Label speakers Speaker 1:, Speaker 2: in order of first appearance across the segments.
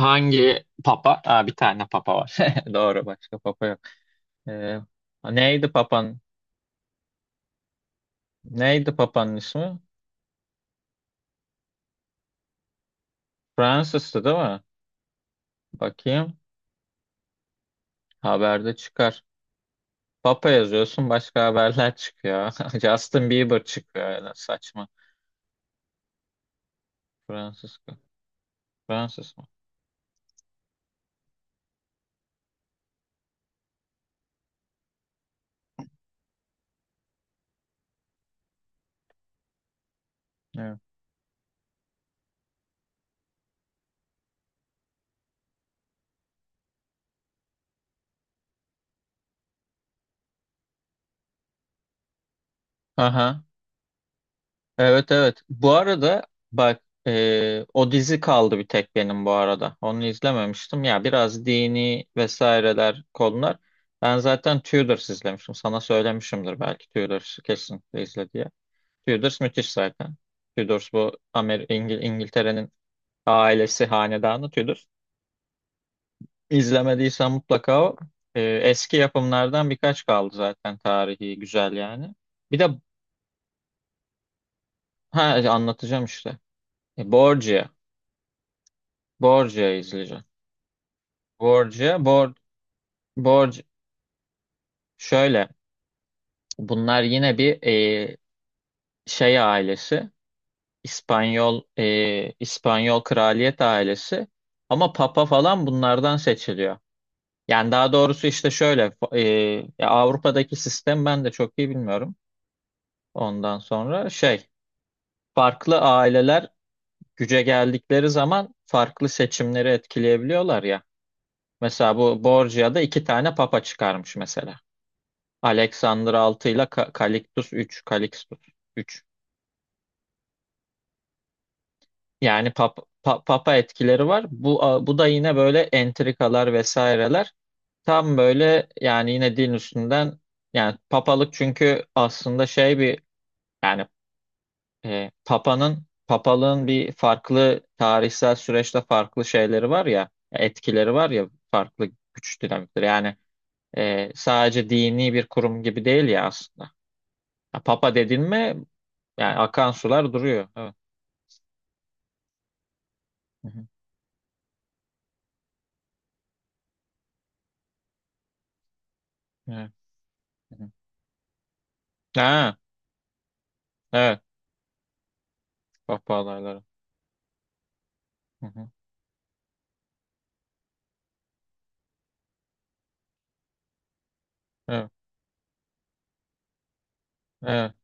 Speaker 1: Hangi papa? Aa, bir tane papa var. Doğru, başka papa yok. Ee, neydi papan? Neydi papanın ismi? Francis'tı değil mi? Bakayım. Haberde çıkar. Papa yazıyorsun, başka haberler çıkıyor. Justin Bieber çıkıyor öyle saçma. Francisco. Francis mı? Evet. Aha. Evet, evet. Bu arada bak, o dizi kaldı bir tek benim bu arada. Onu izlememiştim. Ya biraz dini vesaireler konular. Ben zaten Tudors izlemiştim. Sana söylemişimdir belki Tudors kesinlikle izle diye. Tudors müthiş zaten. Tudors bu Amer İngil İngiltere'nin ailesi hanedanı Tudors. İzlemediysen mutlaka o. Eski yapımlardan birkaç kaldı zaten tarihi güzel yani. Bir de ha, anlatacağım işte. Borgia. Borgia izleyeceğim. Borcu, bor, borc şöyle. Bunlar yine bir e, şey ailesi. İspanyol kraliyet ailesi. Ama papa falan bunlardan seçiliyor. Yani daha doğrusu işte şöyle, ya Avrupa'daki sistem ben de çok iyi bilmiyorum. Ondan sonra şey, farklı aileler güce geldikleri zaman farklı seçimleri etkileyebiliyorlar ya. Mesela bu Borgia'da iki tane papa çıkarmış mesela. Alexander 6 ile Calixtus 3. Calixtus 3. Yani pap papa etkileri var. Bu da yine böyle entrikalar vesaireler. Tam böyle yani yine din üstünden, yani papalık çünkü aslında şey bir, yani papanın papalığın bir farklı tarihsel süreçte farklı şeyleri var ya, etkileri var ya, farklı güç dinamikleri. Yani sadece dini bir kurum gibi değil ya aslında. Ya, papa dedin mi yani akan sular duruyor. Evet. Hı hı. Evet. Hı hı. Ha, evet. Kahpahalarları. Hı hı. Evet. Evet.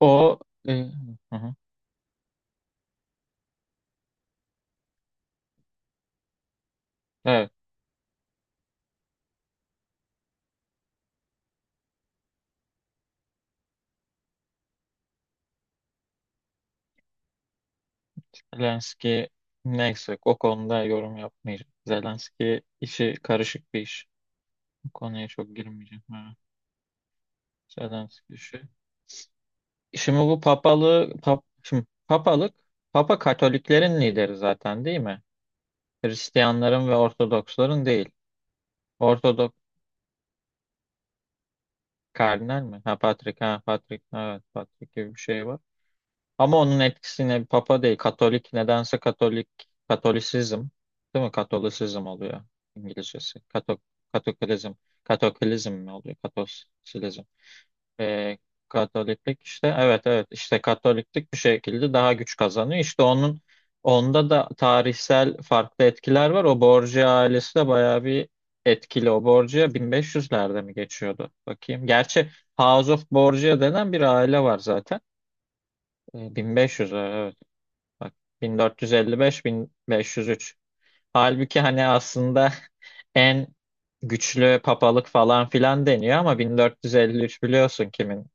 Speaker 1: O e, hı hı. Evet. Zelenski, neyse o konuda yorum yapmayacağım. Zelenski işi karışık bir iş. Bu konuya çok girmeyeceğim. Evet. Zelenski işi. Şimdi papalık, Papa Katoliklerin lideri zaten değil mi? Hristiyanların ve Ortodoksların değil. Ortodok kardinal mi? Ha Patrik, ha Patrik, evet Patrik gibi bir şey var. Ama onun etkisini Papa değil, Katolik, Katolisizm, değil mi? Katolisizm oluyor İngilizcesi. Katokulizm, Katokulizm mi oluyor? Katosilizm. Ee, Katoliklik işte, evet, evet, işte Katoliklik bir şekilde daha güç kazanıyor. İşte onun Onda da tarihsel farklı etkiler var. O Borgia ailesi de bayağı bir etkili. O Borgia 1500'lerde mi geçiyordu? Bakayım. Gerçi House of Borgia denen bir aile var zaten. 1500, evet. Bak, 1455 1503. Halbuki hani aslında en güçlü papalık falan filan deniyor ama 1453 biliyorsun kimin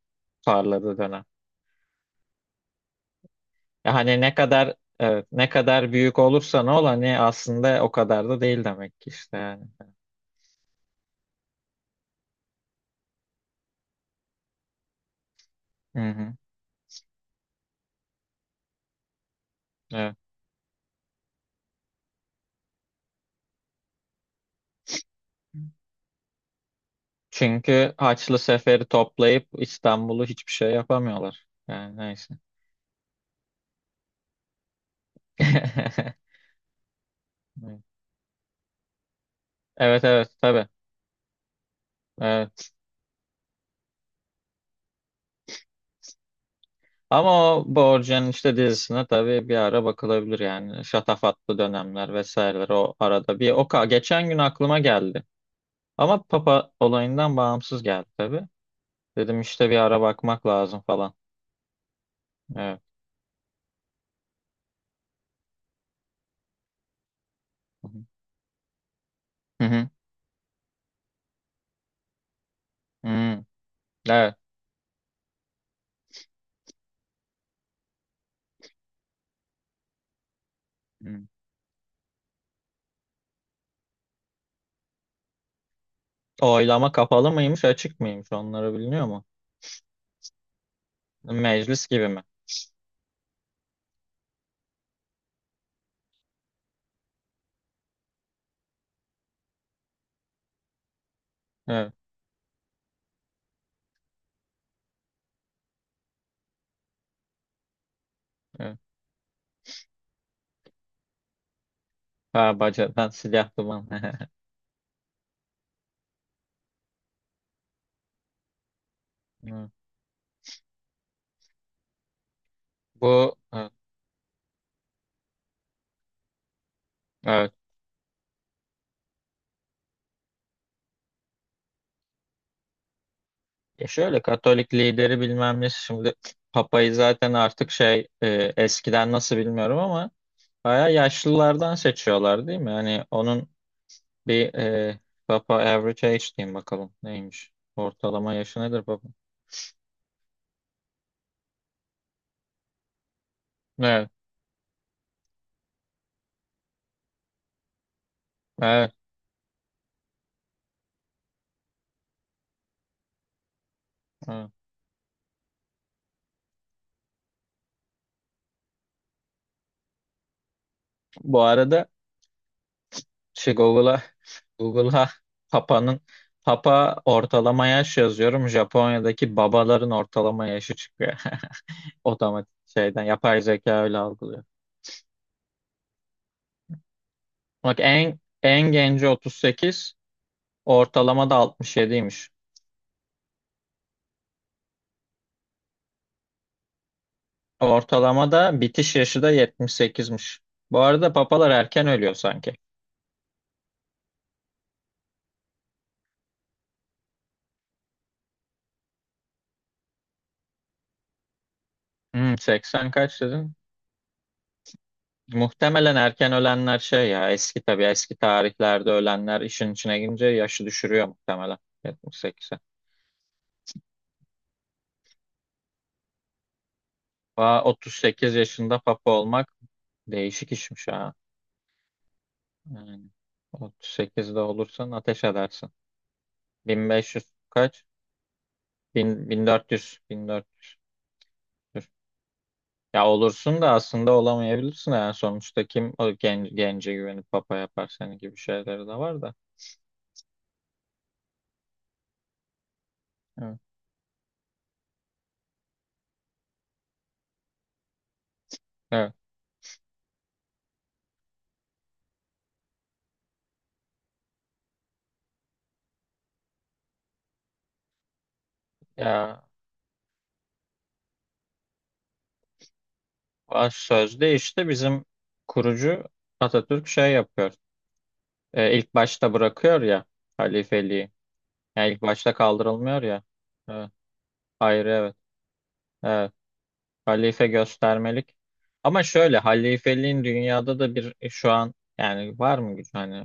Speaker 1: parladığı dönem. Ya hani ne kadar, evet, ne kadar büyük olursa ne ol, hani aslında o kadar da değil demek ki işte yani. Hı hı, evet. Çünkü Haçlı Sefer'i toplayıp İstanbul'u hiçbir şey yapamıyorlar. Yani neyse. Evet, evet, tabii. Evet. Ama o Borgen işte dizisine tabii bir ara bakılabilir yani. Şatafatlı dönemler vesaireler o arada bir. Geçen gün aklıma geldi. Ama Papa olayından bağımsız geldi tabii. Dedim işte bir ara bakmak lazım falan. Evet. Hı hı. Hı hı. Evet. Hı. Oylama kapalı mıymış, açık mıymış? Onları biliniyor mu? Meclis gibi mi? Evet. Evet. Ha bacadan silahlı mı? Bu evet. Ya şöyle Katolik lideri bilmem ne şimdi, Papa'yı zaten artık şey, eskiden nasıl bilmiyorum ama bayağı yaşlılardan seçiyorlar değil mi? Hani onun bir Papa average age diyeyim bakalım neymiş? Ortalama yaşı nedir Papa? Evet, evet, evet. Bu arada şey, Google'a Google'a Papa'nın, Papa ortalama yaş yazıyorum. Japonya'daki babaların ortalama yaşı çıkıyor. Otomatik şeyden yapay zeka öyle algılıyor. Bak en en genci 38, ortalama da 67'ymiş. Ortalama da bitiş yaşı da 78'miş. Bu arada papalar erken ölüyor sanki. Hmm, 80 kaç dedin? Muhtemelen erken ölenler şey ya, eski tabii, eski tarihlerde ölenler işin içine girince yaşı düşürüyor muhtemelen 78'e. Aa, 38 yaşında papa olmak değişik işmiş ha. Yani 38'de olursan ateş edersin. 1500 kaç? 1400, 1400. Ya olursun da aslında olamayabilirsin yani sonuçta kim gence güvenip papa yapar seni gibi şeyleri de var da. Evet. Evet. Ya baş sözde işte bizim kurucu Atatürk şey yapıyor. E, ilk başta bırakıyor ya halifeliği. Yani ilk başta kaldırılmıyor ya. Evet. Ayrı, evet. Evet. Halife göstermelik. Ama şöyle halifeliğin dünyada da bir şu an yani var mı güç, hani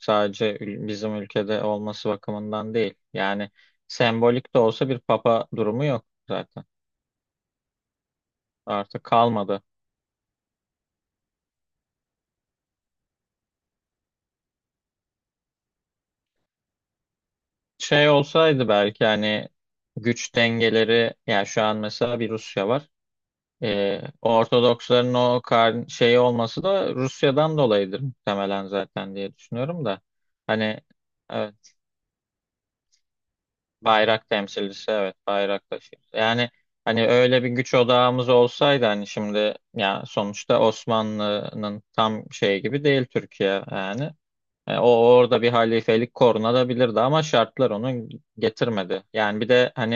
Speaker 1: bizim ülkede olması bakımından değil. Yani sembolik de olsa bir papa durumu yok zaten. Artık kalmadı. Şey olsaydı belki hani güç dengeleri, yani şu an mesela bir Rusya var. Ortodoksların o kar şeyi olması da Rusya'dan dolayıdır muhtemelen zaten diye düşünüyorum da. Hani, evet. Bayrak temsilcisi, evet, bayrak taşıyor. Yani hani öyle bir güç odağımız olsaydı hani şimdi, ya sonuçta Osmanlı'nın tam şey gibi değil Türkiye yani. E, o orada bir halifelik korunabilirdi ama şartlar onu getirmedi. Yani bir de hani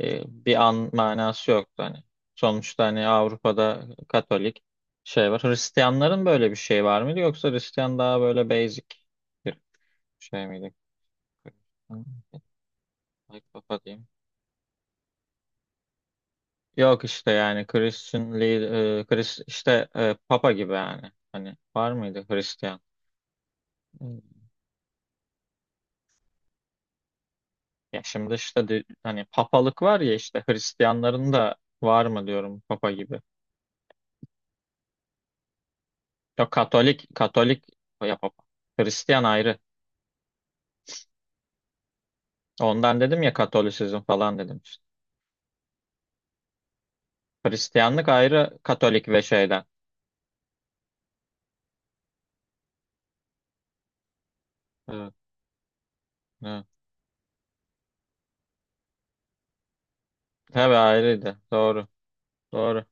Speaker 1: bir an manası yoktu hani. Sonuçta hani Avrupa'da Katolik şey var. Hristiyanların böyle bir şey var mıydı yoksa Hristiyan daha böyle basic bir şey miydi? Ay kafa diyeyim. Yok işte, yani Christian Lee, Chris, işte Papa gibi yani. Hani var mıydı Hristiyan? Hmm. Ya şimdi işte hani papalık var ya, işte Hristiyanların da var mı diyorum Papa gibi. Yok, Katolik, Katolik ya Papa. Hristiyan ayrı. Ondan dedim ya Katolisizm falan dedim işte. Hristiyanlık ayrı Katolik ve şeyden. Evet, evet. Tabii ayrıydı. Doğru. Doğru.